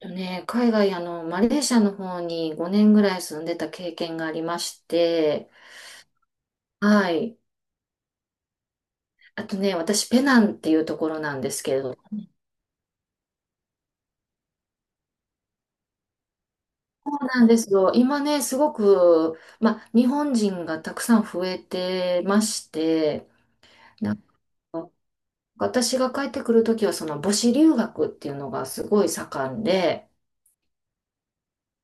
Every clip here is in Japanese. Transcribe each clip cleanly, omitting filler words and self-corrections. とね、海外、マレーシアの方に5年ぐらい住んでた経験がありまして、はい。あとね、私、ペナンっていうところなんですけれど、そうなんですよ。今ね、すごく、日本人がたくさん増えてまして、なんか私が帰ってくるときは、その母子留学っていうのがすごい盛んで、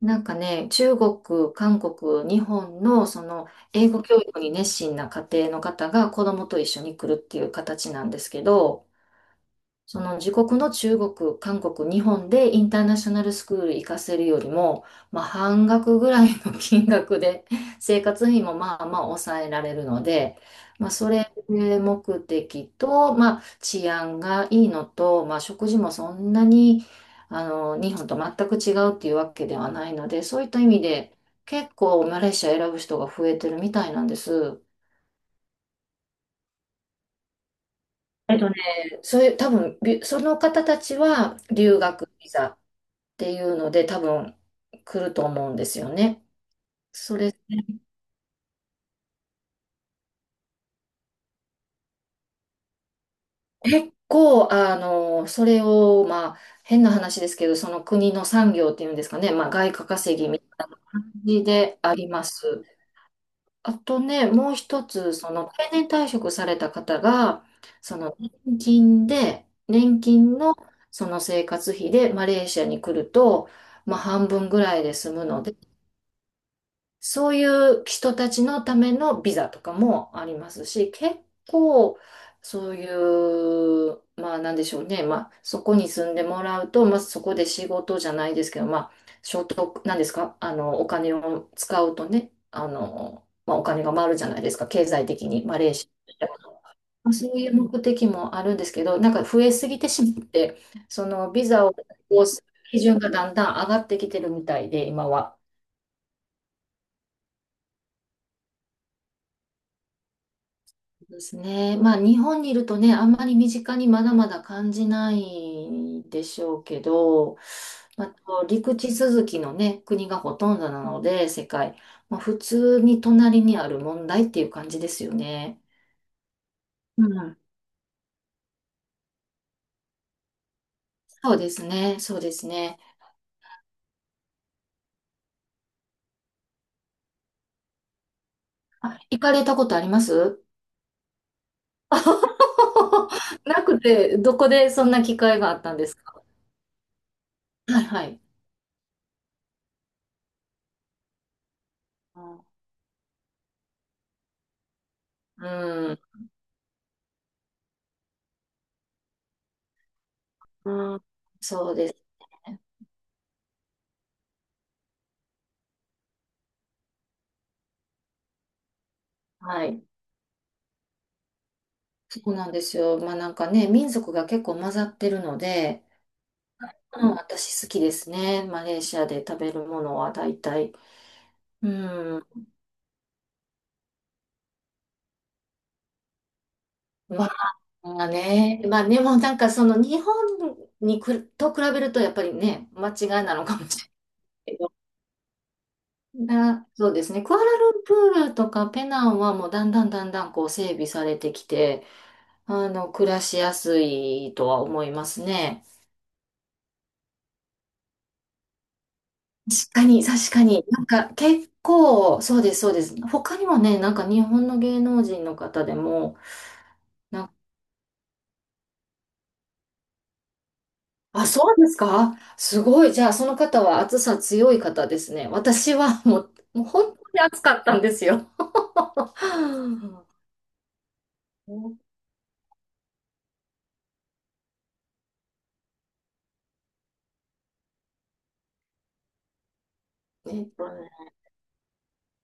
なんかね、中国、韓国、日本のその英語教育に熱心な家庭の方が子供と一緒に来るっていう形なんですけど、その自国の中国、韓国、日本でインターナショナルスクール行かせるよりも、まあ、半額ぐらいの 金額で 生活費もまあまあ抑えられるので、まあ、それ目的と、まあ、治安がいいのと、まあ、食事もそんなに日本と全く違うっていうわけではないので、そういった意味で結構マレーシア選ぶ人が増えてるみたいなんです。えっとね、そういう、多分、その方たちは留学ビザ。ていうので多分来ると思うんですよね。それ結構それをまあ変な話ですけどその国の産業っていうんですかね、まあ、外貨稼ぎみたいな感じであります。あとねもう一つその定年退職された方がその年金で年金のその生活費でマレーシアに来ると、まあ、半分ぐらいで済むので。そういう人たちのためのビザとかもありますし、結構、そういう、まあなんでしょうね、まあそこに住んでもらうと、まあそこで仕事じゃないですけど、まあ所得、なんですか、あの、お金を使うとね、あの、まあお金が回るじゃないですか、経済的に、マレーシアって。まあそういう目的もあるんですけど、なんか増えすぎてしまって、そのビザを発行する基準がだんだん上がってきてるみたいで、今は。ですね。まあ日本にいるとね、あんまり身近にまだまだ感じないでしょうけど、まあ、と陸地続きのね、国がほとんどなので、世界、まあ、普通に隣にある問題っていう感じですよね。うん。そうですね、そうですね。あ、行かれたことあります？ なくて、どこでそんな機会があったんですか？はいはい。うん。うん、そうですね。はい。そうなんですよ。まあなんかね、民族が結構混ざってるので、うん、私好きですね。マレーシアで食べるものは大体。うん。まあね、まあでもなんかその日本にくと比べるとやっぱりね、間違いなのかもしれないけど。な、そうですね。クアラルンプールとかペナンはもうだんだんだんだんこう整備されてきて、あの、暮らしやすいとは思いますね。確かに、確かに。なんか結構、そうです、そうです。他にもね、なんか日本の芸能人の方でも、なんあ、そうですか？すごい。じゃあ、その方は暑さ強い方ですね。私はもう、もう本当に暑かったんですよ。はあえっとね、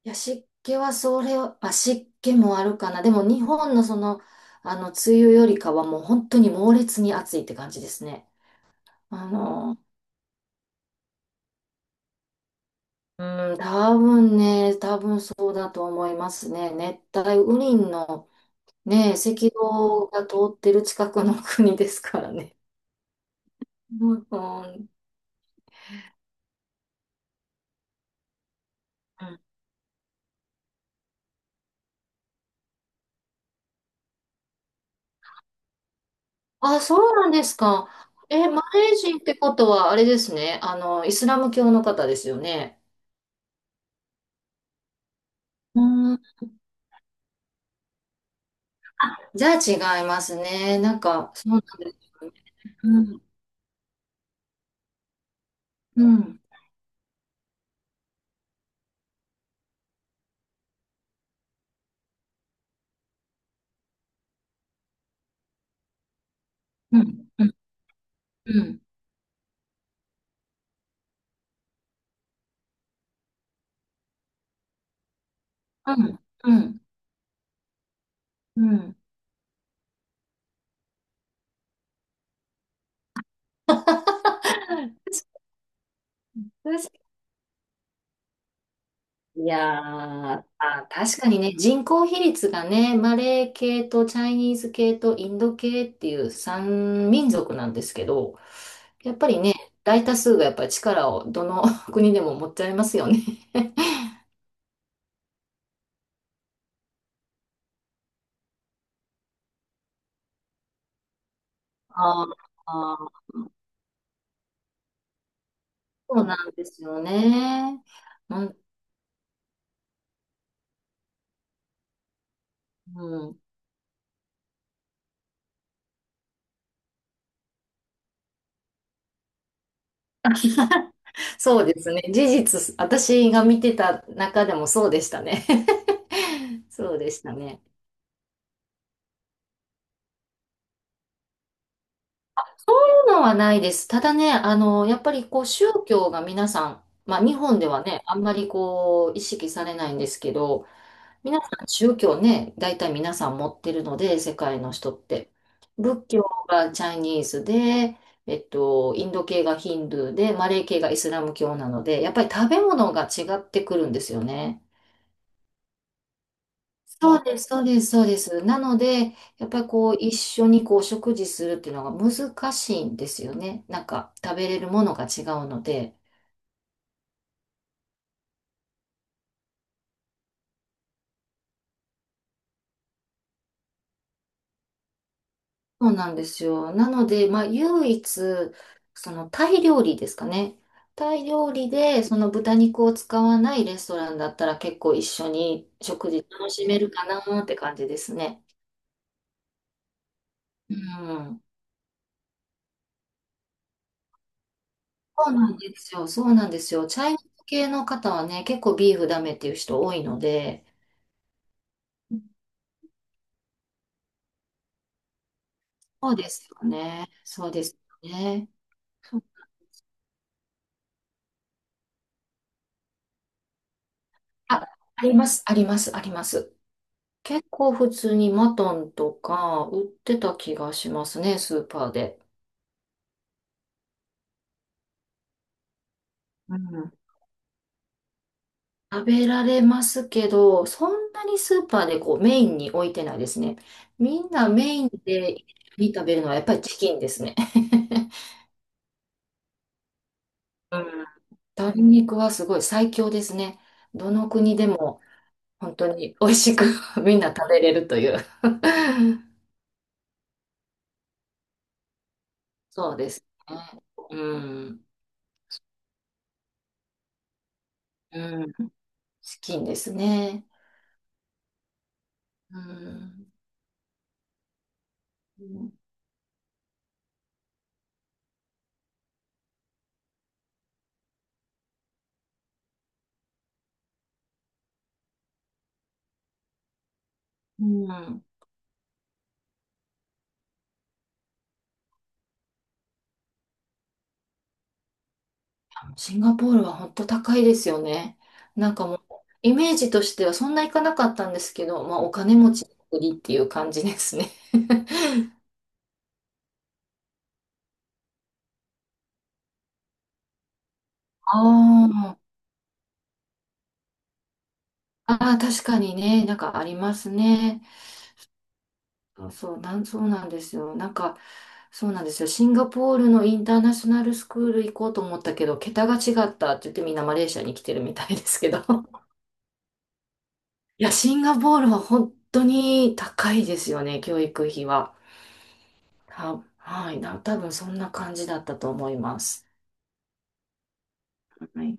いや、湿気はそれを、あ、湿気もあるかな。でも日本のその、あの、梅雨よりかはもう本当に猛烈に暑いって感じですね。あの、うん、多分ね、多分そうだと思いますね。熱帯雨林のね、赤道が通ってる近くの国ですからね。うん、うん。あ、そうなんですか。え、マレー人ってことはあれですね。あの、イスラム教の方ですよね。うん、じゃあ違いますね。なんか、そうなんですよね。うん、うん、うん、うん、うん、うん。うんうんいやー、あ、確かにね、人口比率がね、マレー系とチャイニーズ系とインド系っていう3民族なんですけど、やっぱりね、大多数がやっぱり力をどの 国でも持っちゃいますよね。あーあー、そうなんですよね。うん、うん、そうですね。事実、私が見てた中でもそうでしたね。そうでしたね。のはないです。ただね、あの、やっぱりこう宗教が皆さん、まあ日本ではね、あんまりこう意識されないんですけど、皆さん宗教ね、大体皆さん持ってるので、世界の人って。仏教がチャイニーズで、インド系がヒンドゥーで、マレー系がイスラム教なので、やっぱり食べ物が違ってくるんですよね。そうです、そうです、そうです。なので、やっぱりこう、一緒にこう、食事するっていうのが難しいんですよね。なんか、食べれるものが違うので。そうなんですよ。なので、まあ、唯一、その、タイ料理ですかね。タイ料理で、その豚肉を使わないレストランだったら結構一緒に食事楽しめるかなって感じですね。うん。そうなんですよ。そうなんですよ。チャイナ系の方はね、結構ビーフダメっていう人多いので、そうですよね。そうですよね。そうあります、あります、あります。結構普通にマトンとか売ってた気がしますね、スーパーで。うん、食べられますけど、そんなにスーパーでこうメインに置いてないですね。みんなメインで食べるのはやっぱりチキンですね。うん、鶏 肉はすごい最強ですね。どの国でも本当に美味しく みんな食べれるという。そうですね。うん。うん。資金ですね。うん。うん。うん。シンガポールは本当高いですよね。なんかもう、イメージとしてはそんないかなかったんですけど、まあお金持ちの国っていう感じですね。あー あー、確かにね、なんかありますね。そうそう、なん、そうなんですよ。なんか、そうなんですよ。シンガポールのインターナショナルスクール行こうと思ったけど、桁が違ったって言ってみんなマレーシアに来てるみたいですけど。いや、シンガポールは本当に高いですよね、教育費は。た、はい、な、多分そんな感じだったと思います。はい。